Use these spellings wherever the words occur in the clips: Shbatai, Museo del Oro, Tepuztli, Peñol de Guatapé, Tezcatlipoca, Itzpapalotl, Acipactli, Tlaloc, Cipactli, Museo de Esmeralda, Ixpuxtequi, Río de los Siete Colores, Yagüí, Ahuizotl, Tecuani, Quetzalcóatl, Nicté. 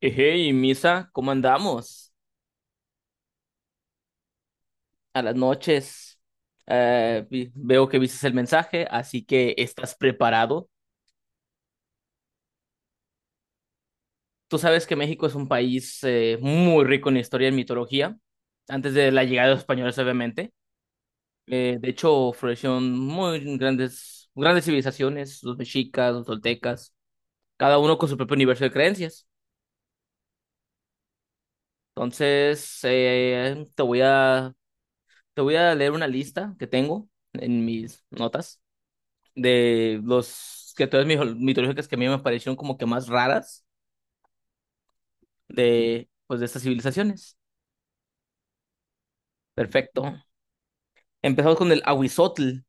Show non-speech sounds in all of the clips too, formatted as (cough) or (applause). Hey, Misa, ¿cómo andamos? A las noches. Veo que viste el mensaje, así que estás preparado. Tú sabes que México es un país muy rico en historia y mitología, antes de la llegada de los españoles, obviamente. De hecho, florecieron muy grandes, grandes civilizaciones, los mexicas, los toltecas, cada uno con su propio universo de creencias. Entonces, te voy a leer una lista que tengo en mis notas de los que todas mis mitológicas que a mí me parecieron como que más raras de, pues, de estas civilizaciones. Perfecto. Empezamos con el Ahuizotl.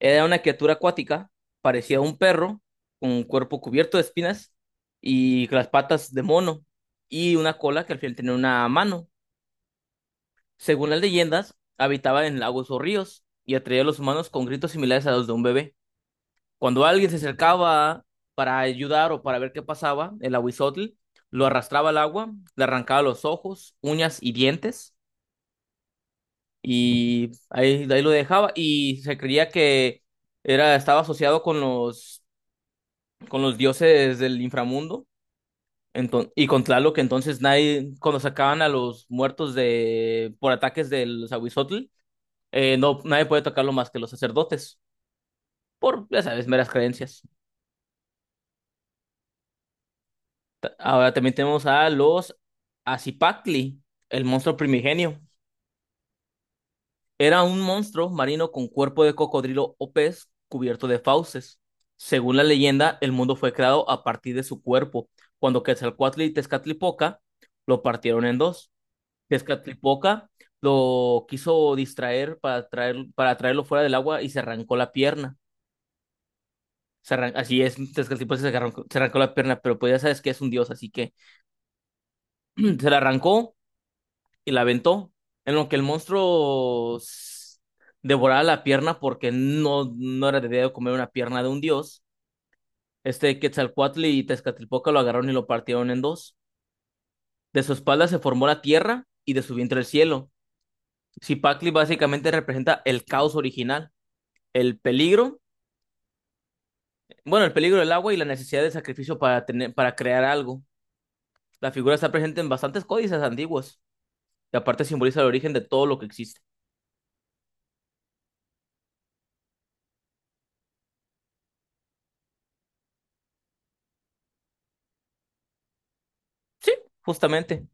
Era una criatura acuática, parecía un perro, con un cuerpo cubierto de espinas y con las patas de mono y una cola que al final tenía una mano. Según las leyendas, habitaba en lagos o ríos y atraía a los humanos con gritos similares a los de un bebé. Cuando alguien se acercaba para ayudar o para ver qué pasaba, el aguizotl lo arrastraba al agua, le arrancaba los ojos, uñas y dientes, de ahí lo dejaba. Y se creía que estaba asociado con los dioses del inframundo. Y con Tlaloc, que entonces nadie, cuando sacaban a los muertos por ataques del aguizotl, no, nadie puede tocarlo más que los sacerdotes, por, ya sabes, meras creencias. Ahora también tenemos a los Acipactli, el monstruo primigenio. Era un monstruo marino con cuerpo de cocodrilo o pez cubierto de fauces. Según la leyenda, el mundo fue creado a partir de su cuerpo, cuando Quetzalcóatl y Tezcatlipoca lo partieron en dos. Tezcatlipoca lo quiso distraer para traerlo fuera del agua y se arrancó la pierna. Así es, Tezcatlipoca se arrancó la pierna, pero pues ya sabes que es un dios, así que (clears throat) se la arrancó y la aventó, en lo que el monstruo devoraba la pierna porque no, no era debido comer una pierna de un dios. Este Quetzalcóatl y Tezcatlipoca lo agarraron y lo partieron en dos. De su espalda se formó la tierra y de su vientre el cielo. Cipactli básicamente representa el caos original, el peligro, bueno, el peligro del agua y la necesidad de sacrificio para crear algo. La figura está presente en bastantes códices antiguos y aparte simboliza el origen de todo lo que existe. Sí, justamente.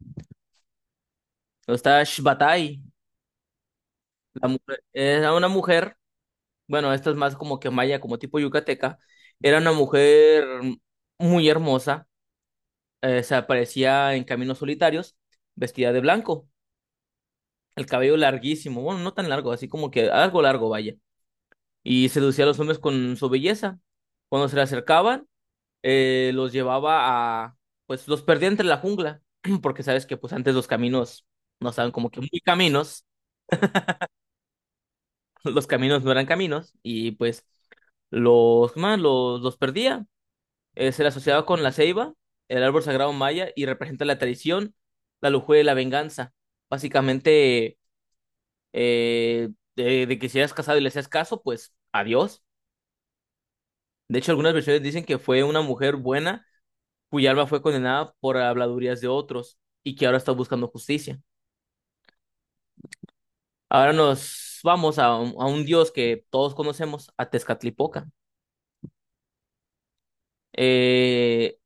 Está Shbatai. Era una mujer, bueno, esta es más como que maya, como tipo yucateca, era una mujer muy hermosa. Se aparecía en caminos solitarios, vestida de blanco, el cabello larguísimo, bueno, no tan largo, así como que algo largo, vaya, y seducía a los hombres con su belleza. Cuando se le acercaban, eh, los llevaba a, pues los perdía entre la jungla, (clears throat) porque sabes que pues antes los caminos no estaban como que muy caminos. Los caminos no eran caminos y pues ¿cómo se llama? Los perdía. Se le asociaba con la ceiba, el árbol sagrado maya, y representa la traición, la lujuria y la venganza. Básicamente, eh, de que si eras casado y le hacías caso, pues adiós. De hecho, algunas versiones dicen que fue una mujer buena cuya alma fue condenada por habladurías de otros y que ahora está buscando justicia. Ahora nos vamos a un dios que todos conocemos, a Tezcatlipoca. Eh,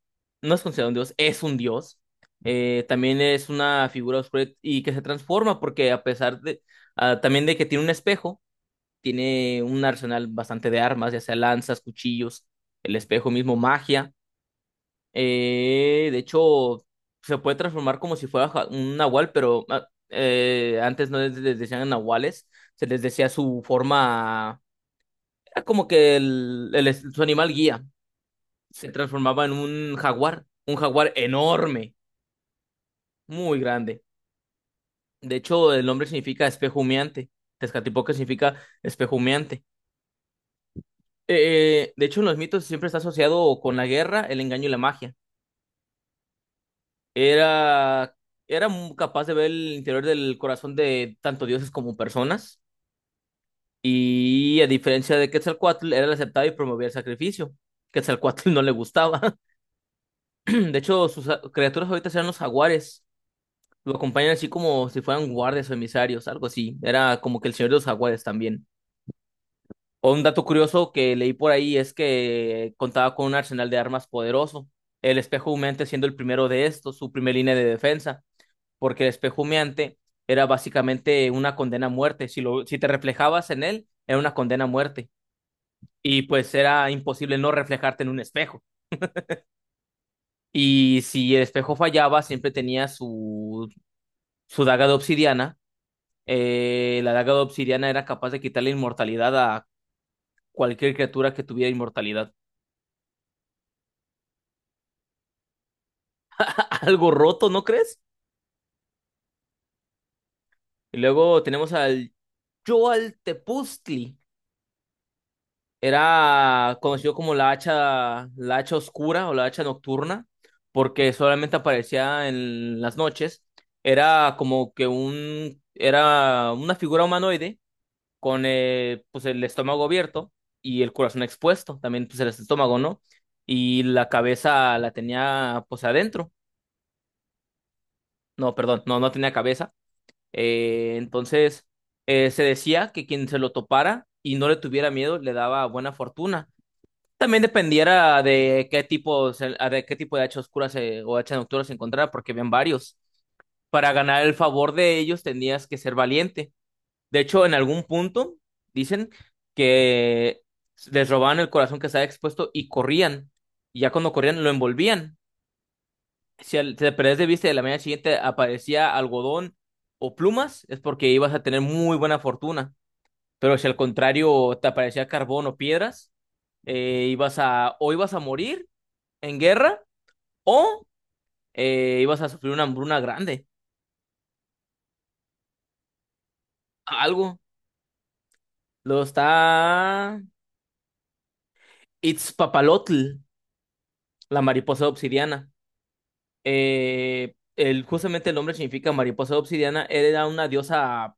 no es considerado un dios, es un dios. También es una figura oscura y que se transforma porque a pesar de, también de que tiene un espejo, tiene un arsenal bastante de armas, ya sea lanzas, cuchillos, el espejo mismo, magia. De hecho, se puede transformar como si fuera un nahual, pero antes no les decían nahuales, se les decía su forma, era como que su animal guía se transformaba en un jaguar enorme, muy grande. De hecho, el nombre significa espejo humeante. Tezcatlipoca significa espejo humeante. De hecho, en los mitos siempre está asociado con la guerra, el engaño y la magia. Era, capaz de ver el interior del corazón de tanto dioses como personas. Y a diferencia de Quetzalcóatl, era el aceptado y promovía el sacrificio. Quetzalcóatl (laughs) no le gustaba. (clears throat) De hecho, sus criaturas ahorita eran los jaguares. Lo acompañan así como si fueran guardias o emisarios, algo así. Era como que el señor de los jaguares también. O un dato curioso que leí por ahí es que contaba con un arsenal de armas poderoso. El espejo humeante siendo el primero de estos, su primer línea de defensa. Porque el espejo humeante era básicamente una condena a muerte. Si te reflejabas en él, era una condena a muerte. Y pues era imposible no reflejarte en un espejo. Y si el espejo fallaba, siempre tenía su daga de obsidiana. La daga de obsidiana era capaz de quitarle inmortalidad a cualquier criatura que tuviera inmortalidad. (laughs) Algo roto, ¿no crees? Y luego tenemos al Tepuztli. Era conocido como la hacha oscura o la hacha nocturna, porque solamente aparecía en las noches. Era como que un, Era una figura humanoide con pues el estómago abierto y el corazón expuesto, también pues el estómago, ¿no? Y la cabeza la tenía pues adentro, no, perdón, no, no tenía cabeza. Entonces se decía que quien se lo topara y no le tuviera miedo le daba buena fortuna. También dependiera de qué tipo, de qué tipo de hacha oscura o hacha nocturna se encontrara, porque habían varios. Para ganar el favor de ellos tenías que ser valiente. De hecho, en algún punto dicen que les robaban el corazón que estaba expuesto y corrían. Y ya cuando corrían lo envolvían. Si te perdés de vista y de la mañana siguiente aparecía algodón o plumas, es porque ibas a tener muy buena fortuna. Pero si al contrario te aparecía carbón o piedras, ibas a morir en guerra o ibas a sufrir una hambruna grande. Algo. Lo está Itzpapalotl, la mariposa obsidiana. Justamente el nombre significa mariposa de obsidiana, era una diosa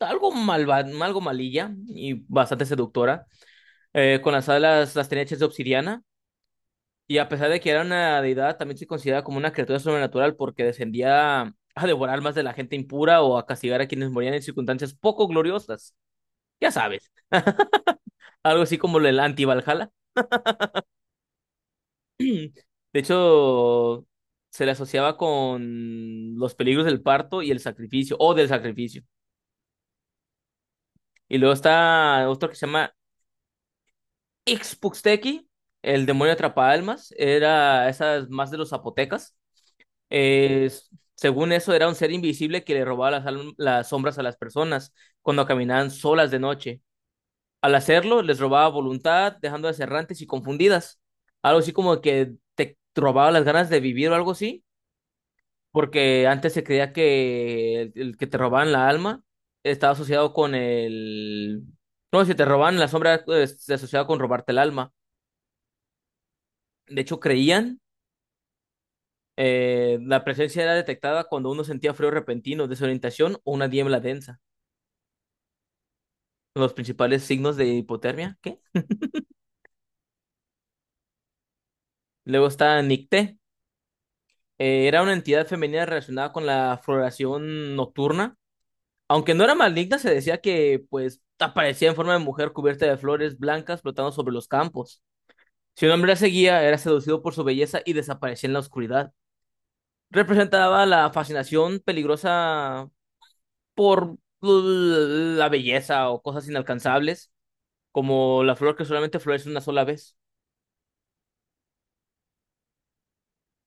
algo malva, algo malilla y bastante seductora, con las alas las tenía hechas de obsidiana, y a pesar de que era una deidad, también se considera como una criatura sobrenatural porque descendía a devorar más de la gente impura o a castigar a quienes morían en circunstancias poco gloriosas, ya sabes, algo así como el anti-Valhalla. (clears throat) De hecho, se le asociaba con los peligros del parto y el sacrificio, o del sacrificio. Y luego está otro que se llama Ixpuxtequi, el demonio atrapaalmas. Era esas más de los zapotecas. Eh, s- según eso, era un ser invisible que le robaba las sombras a las personas cuando caminaban solas de noche. Al hacerlo, les robaba voluntad, dejándolas errantes y confundidas. Algo así como que te robaba las ganas de vivir o algo así. Porque antes se creía que el que te robaban la alma estaba asociado con el. No, si te robaban la sombra, se asociaba con robarte el alma. De hecho, creían, la presencia era detectada cuando uno sentía frío repentino, desorientación o una niebla densa. Los principales signos de hipotermia, ¿qué? Luego está Nicté. Era una entidad femenina relacionada con la floración nocturna. Aunque no era maligna, se decía que pues aparecía en forma de mujer cubierta de flores blancas flotando sobre los campos. Si un hombre la seguía, era seducido por su belleza y desaparecía en la oscuridad. Representaba la fascinación peligrosa por la belleza o cosas inalcanzables, como la flor que solamente florece una sola vez.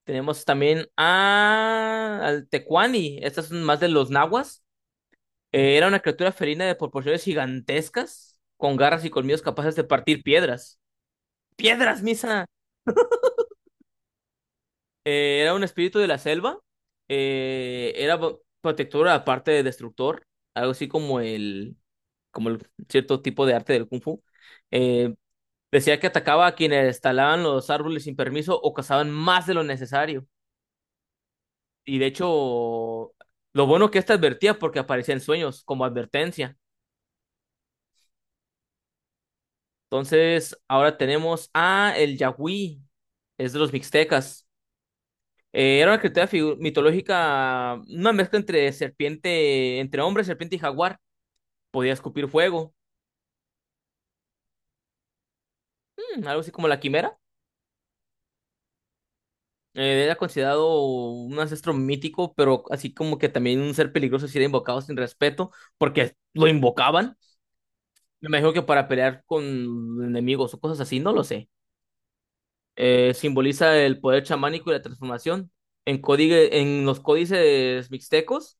Tenemos también al Tecuani. Estas son más de los nahuas. Era una criatura felina de proporciones gigantescas, con garras y colmillos capaces de partir piedras. ¡Piedras, Misa! Era un espíritu de la selva. Era protector, aparte de destructor. Algo así como el cierto tipo de arte del Kung Fu. Eh, decía que atacaba a quienes talaban los árboles sin permiso o cazaban más de lo necesario. Y de hecho, lo bueno que esta advertía porque aparecía en sueños como advertencia. Entonces, ahora tenemos a el Yagüí. Es de los mixtecas. Era una criatura mitológica, una mezcla entre hombre, serpiente y jaguar. Podía escupir fuego, algo así como la quimera. Era considerado un ancestro mítico, pero así como que también un ser peligroso si era invocado sin respeto, porque lo invocaban. Me imagino que para pelear con enemigos o cosas así, no lo sé. Simboliza el poder chamánico y la transformación. En los códices mixtecos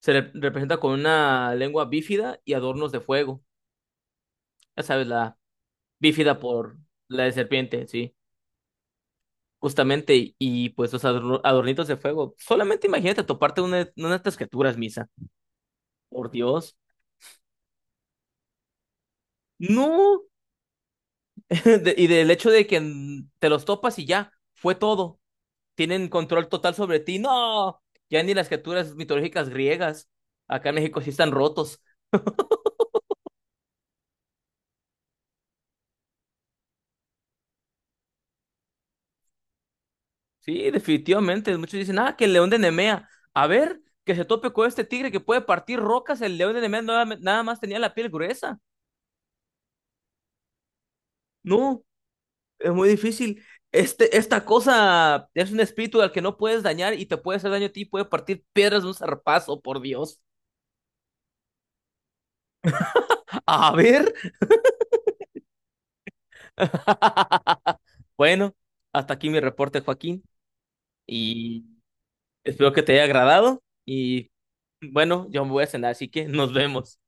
representa con una lengua bífida y adornos de fuego. Ya sabes, la bífida por la de serpiente, sí, justamente, pues los adornitos de fuego. Solamente imagínate toparte una de estas criaturas, Misa, por Dios. No, (laughs) y del hecho de que te los topas y ya, fue todo. Tienen control total sobre ti, no, ya ni las criaturas mitológicas griegas, acá en México sí están rotos. Sí, definitivamente, muchos dicen, que el león de Nemea, a ver. Que se tope con este tigre que puede partir rocas, el león de Nemea nada nada más tenía la piel gruesa. No, es muy difícil. Esta cosa es un espíritu al que no puedes dañar y te puede hacer daño a ti, puede partir piedras de un zarpazo, por Dios. A ver. (laughs) Bueno, hasta aquí mi reporte, Joaquín, y espero que te haya agradado. Y bueno, yo me voy a cenar, así que nos vemos.